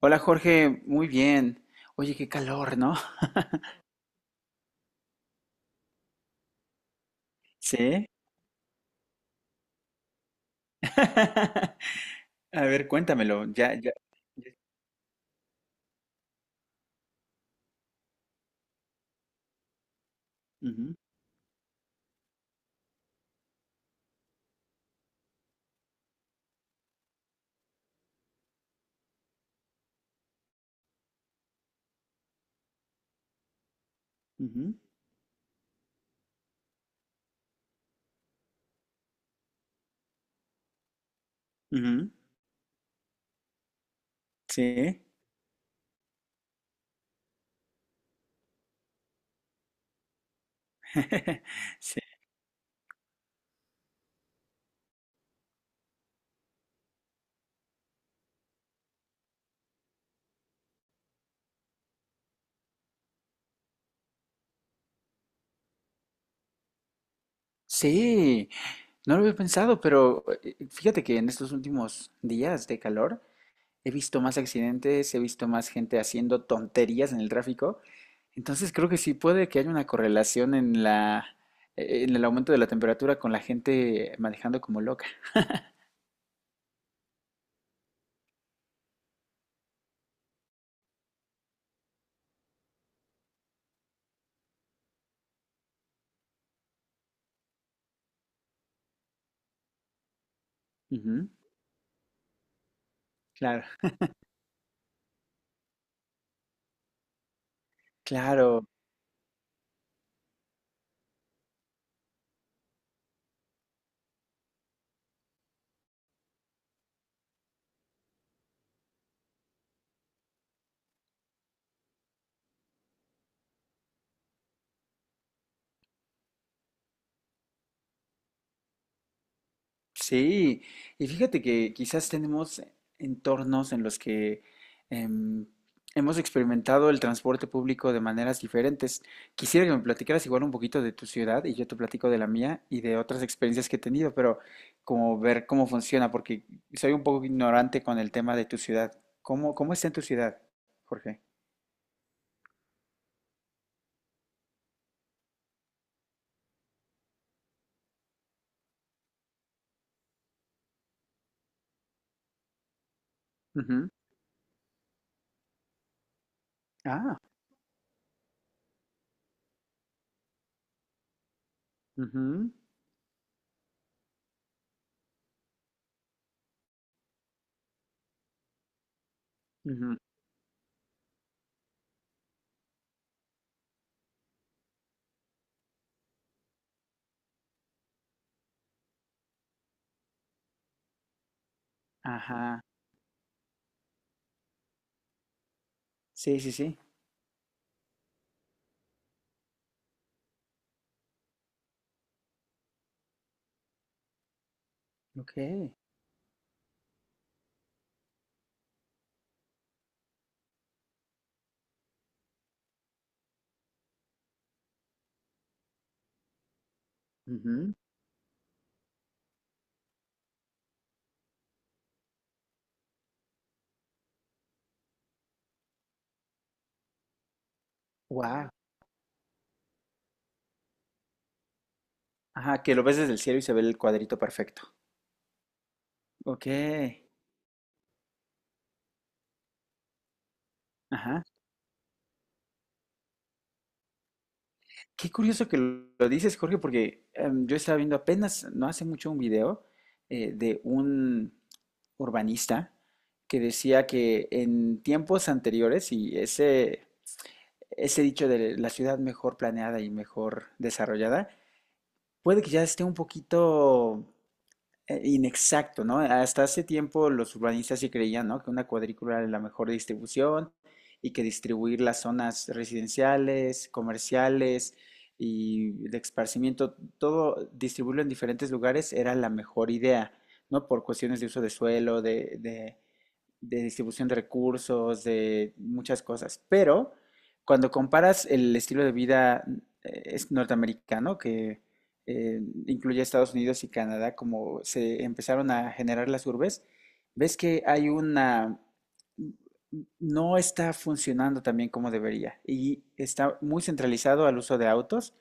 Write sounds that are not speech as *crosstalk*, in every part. Hola Jorge, muy bien. Oye, qué calor, ¿no? *laughs* Sí. *laughs* A ver, cuéntamelo. Ya, ya. ya- Ujú, ujú, ujú. Sí. *laughs* Sí. Sí, no lo había pensado, pero fíjate que en estos últimos días de calor he visto más accidentes, he visto más gente haciendo tonterías en el tráfico. Entonces creo que sí puede que haya una correlación en en el aumento de la temperatura con la gente manejando como loca. Claro, claro, sí. Y fíjate que quizás tenemos entornos en los que em, hemos experimentado el transporte público de maneras diferentes. Quisiera que me platicaras igual un poquito de tu ciudad y yo te platico de la mía y de otras experiencias que he tenido, pero como ver cómo funciona, porque soy un poco ignorante con el tema de tu ciudad. ¿Cómo, cómo está en tu ciudad, Jorge? Ujú. Ah, ujú, ujú. Ajá. Sí, sí, sí. Ok. Wow. Ajá, que lo ves desde el cielo y se ve el cuadrito perfecto. Ok. Ajá. Qué curioso que lo dices, Jorge, porque yo estaba viendo apenas, no hace mucho, un video de un urbanista que decía que en tiempos anteriores, y ese dicho de la ciudad mejor planeada y mejor desarrollada, puede que ya esté un poquito inexacto, ¿no? Hasta hace tiempo los urbanistas sí creían, ¿no? Que una cuadrícula era la mejor distribución y que distribuir las zonas residenciales, comerciales y de esparcimiento, todo distribuirlo en diferentes lugares era la mejor idea, ¿no? Por cuestiones de uso de suelo, de distribución de recursos, de muchas cosas. Pero cuando comparas el estilo de vida es norteamericano, que eh, incluye Estados Unidos y Canadá, como se empezaron a generar las urbes, ves que hay una... no está funcionando también como debería y está muy centralizado al uso de autos,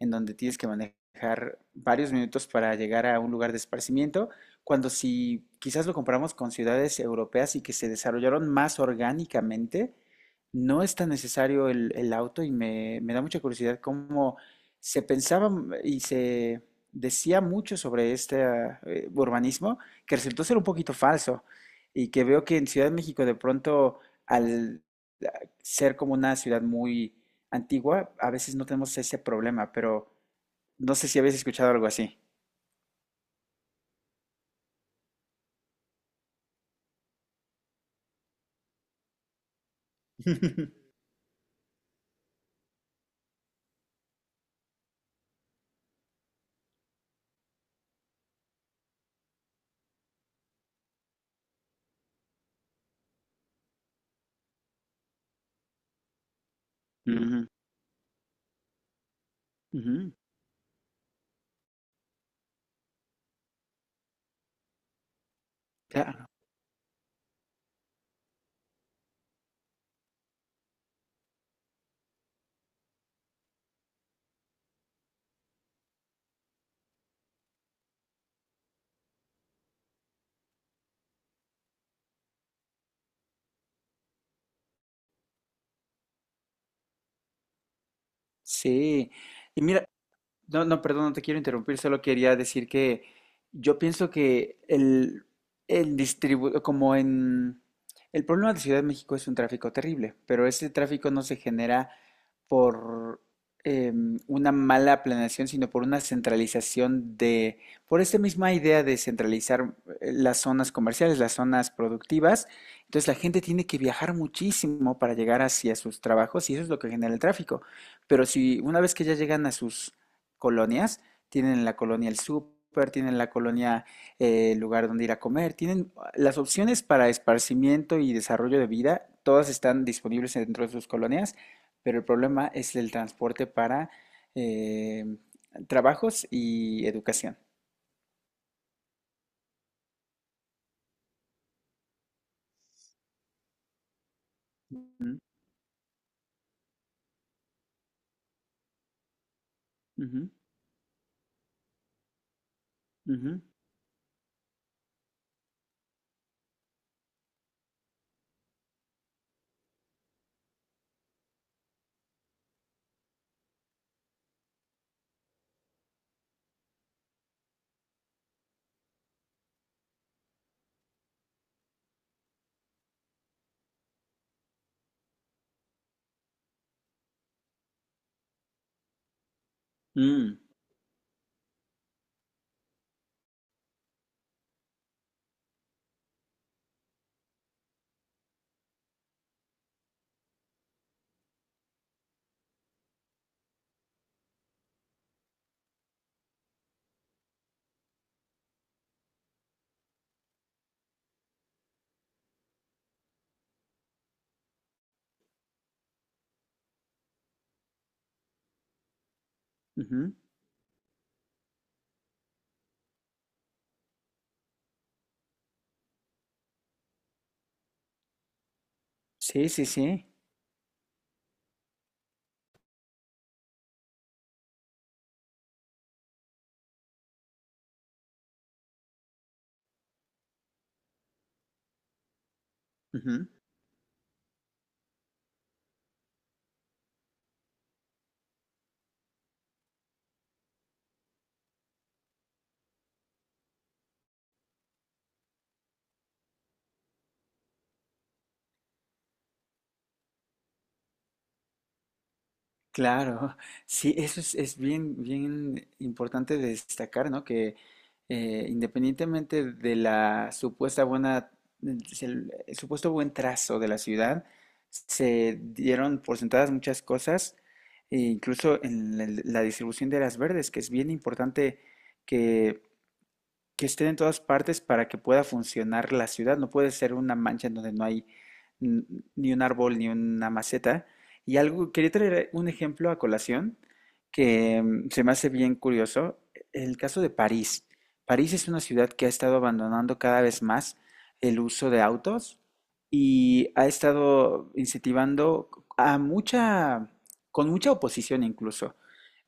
en donde tienes que manejar varios minutos para llegar a un lugar de esparcimiento cuando si quizás lo comparamos con ciudades europeas y que se desarrollaron más orgánicamente, no es tan necesario el auto y me da mucha curiosidad cómo se pensaba y se decía mucho sobre este urbanismo que resultó ser un poquito falso y que veo que en Ciudad de México de pronto al ser como una ciudad muy antigua, a veces no tenemos ese problema, pero no sé si habéis escuchado algo así. Ujú, ujú, claro. Sí, y mira, no, no, perdón, no te quiero interrumpir, solo quería decir que yo pienso que el como en el problema de Ciudad de México es un tráfico terrible, pero ese tráfico no se genera por una mala planeación, sino por una centralización por esta misma idea de centralizar las zonas comerciales, las zonas productivas. Entonces la gente tiene que viajar muchísimo para llegar hacia sus trabajos y eso es lo que genera el tráfico. Pero si una vez que ya llegan a sus colonias. Tienen la colonia El Súper, tienen la colonia El Lugar donde ir a comer. Tienen ah, las opciones para esparcimiento y desarrollo de vida. Todas están disponibles dentro de sus colonias, pero el problema es el transporte para eh, trabajos y educación. Mm, ujú, ujú, mm, ujú. Sí, sí, sí. Ujú. Claro, sí, eso es bien, bien importante destacar, ¿no? Que independientemente de la supuesta buena, el supuesto buen trazo de la ciudad, se dieron por sentadas muchas cosas, e incluso en la distribución de las verdes, que es bien importante que que estén en todas partes para que pueda funcionar la ciudad. No puede ser una mancha en donde no hay n- ni un árbol ni una maceta. Y algo, quería traer un ejemplo a colación que mm, se me hace bien curioso. El caso de París. París es una ciudad que ha estado abandonando cada vez más el uso de autos y ha estado incentivando a con mucha oposición incluso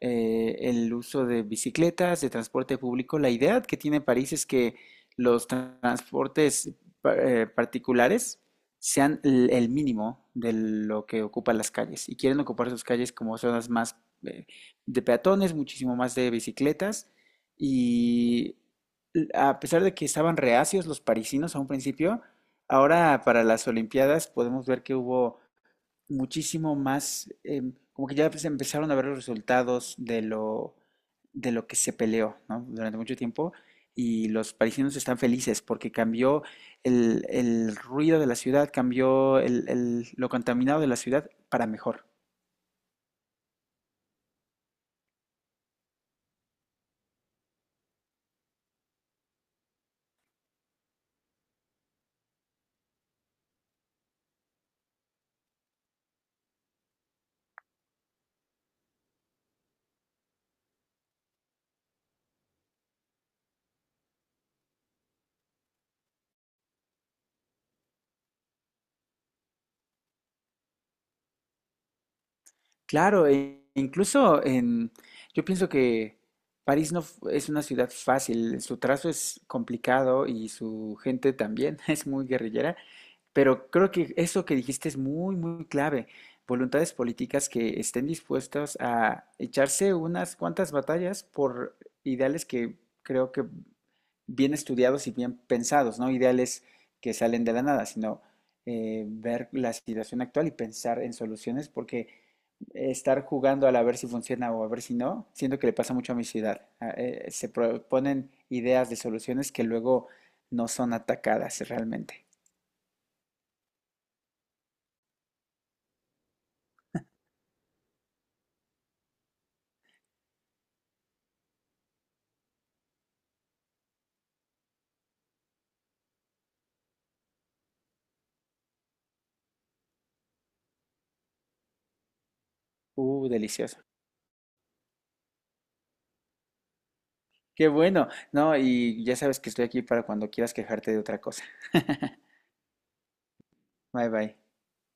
el uso de bicicletas, de transporte público. La idea que tiene París es que los transportes particulares sean el mínimo de lo que ocupan las calles y quieren ocupar sus calles como zonas más eh, de peatones, muchísimo más de bicicletas y a pesar de que estaban reacios los parisinos a un principio, ahora para las Olimpiadas podemos ver que hubo muchísimo más, como que ya se empezaron a ver los resultados de de lo que se peleó, ¿no? Durante mucho tiempo y los parisinos están felices porque cambió el ruido de la ciudad, cambió lo contaminado de la ciudad para mejor. Claro, e incluso en, yo pienso que París no es una ciudad fácil, su trazo es complicado y su gente también *laughs* es muy guerrillera, pero creo que eso que dijiste es muy, muy clave. Voluntades políticas que estén dispuestas a echarse unas cuantas batallas por ideales que creo que bien estudiados y bien pensados, no ideales que salen de la nada, sino ver la situación actual y pensar en soluciones, porque estar jugando al a ver si funciona o a ver si no, siento que le pasa mucho a mi ciudad. Se proponen ideas de soluciones que luego no son atacadas realmente. Delicioso. Qué bueno. No, y ya sabes que estoy aquí para cuando quieras quejarte de otra cosa. *laughs* Bye bye.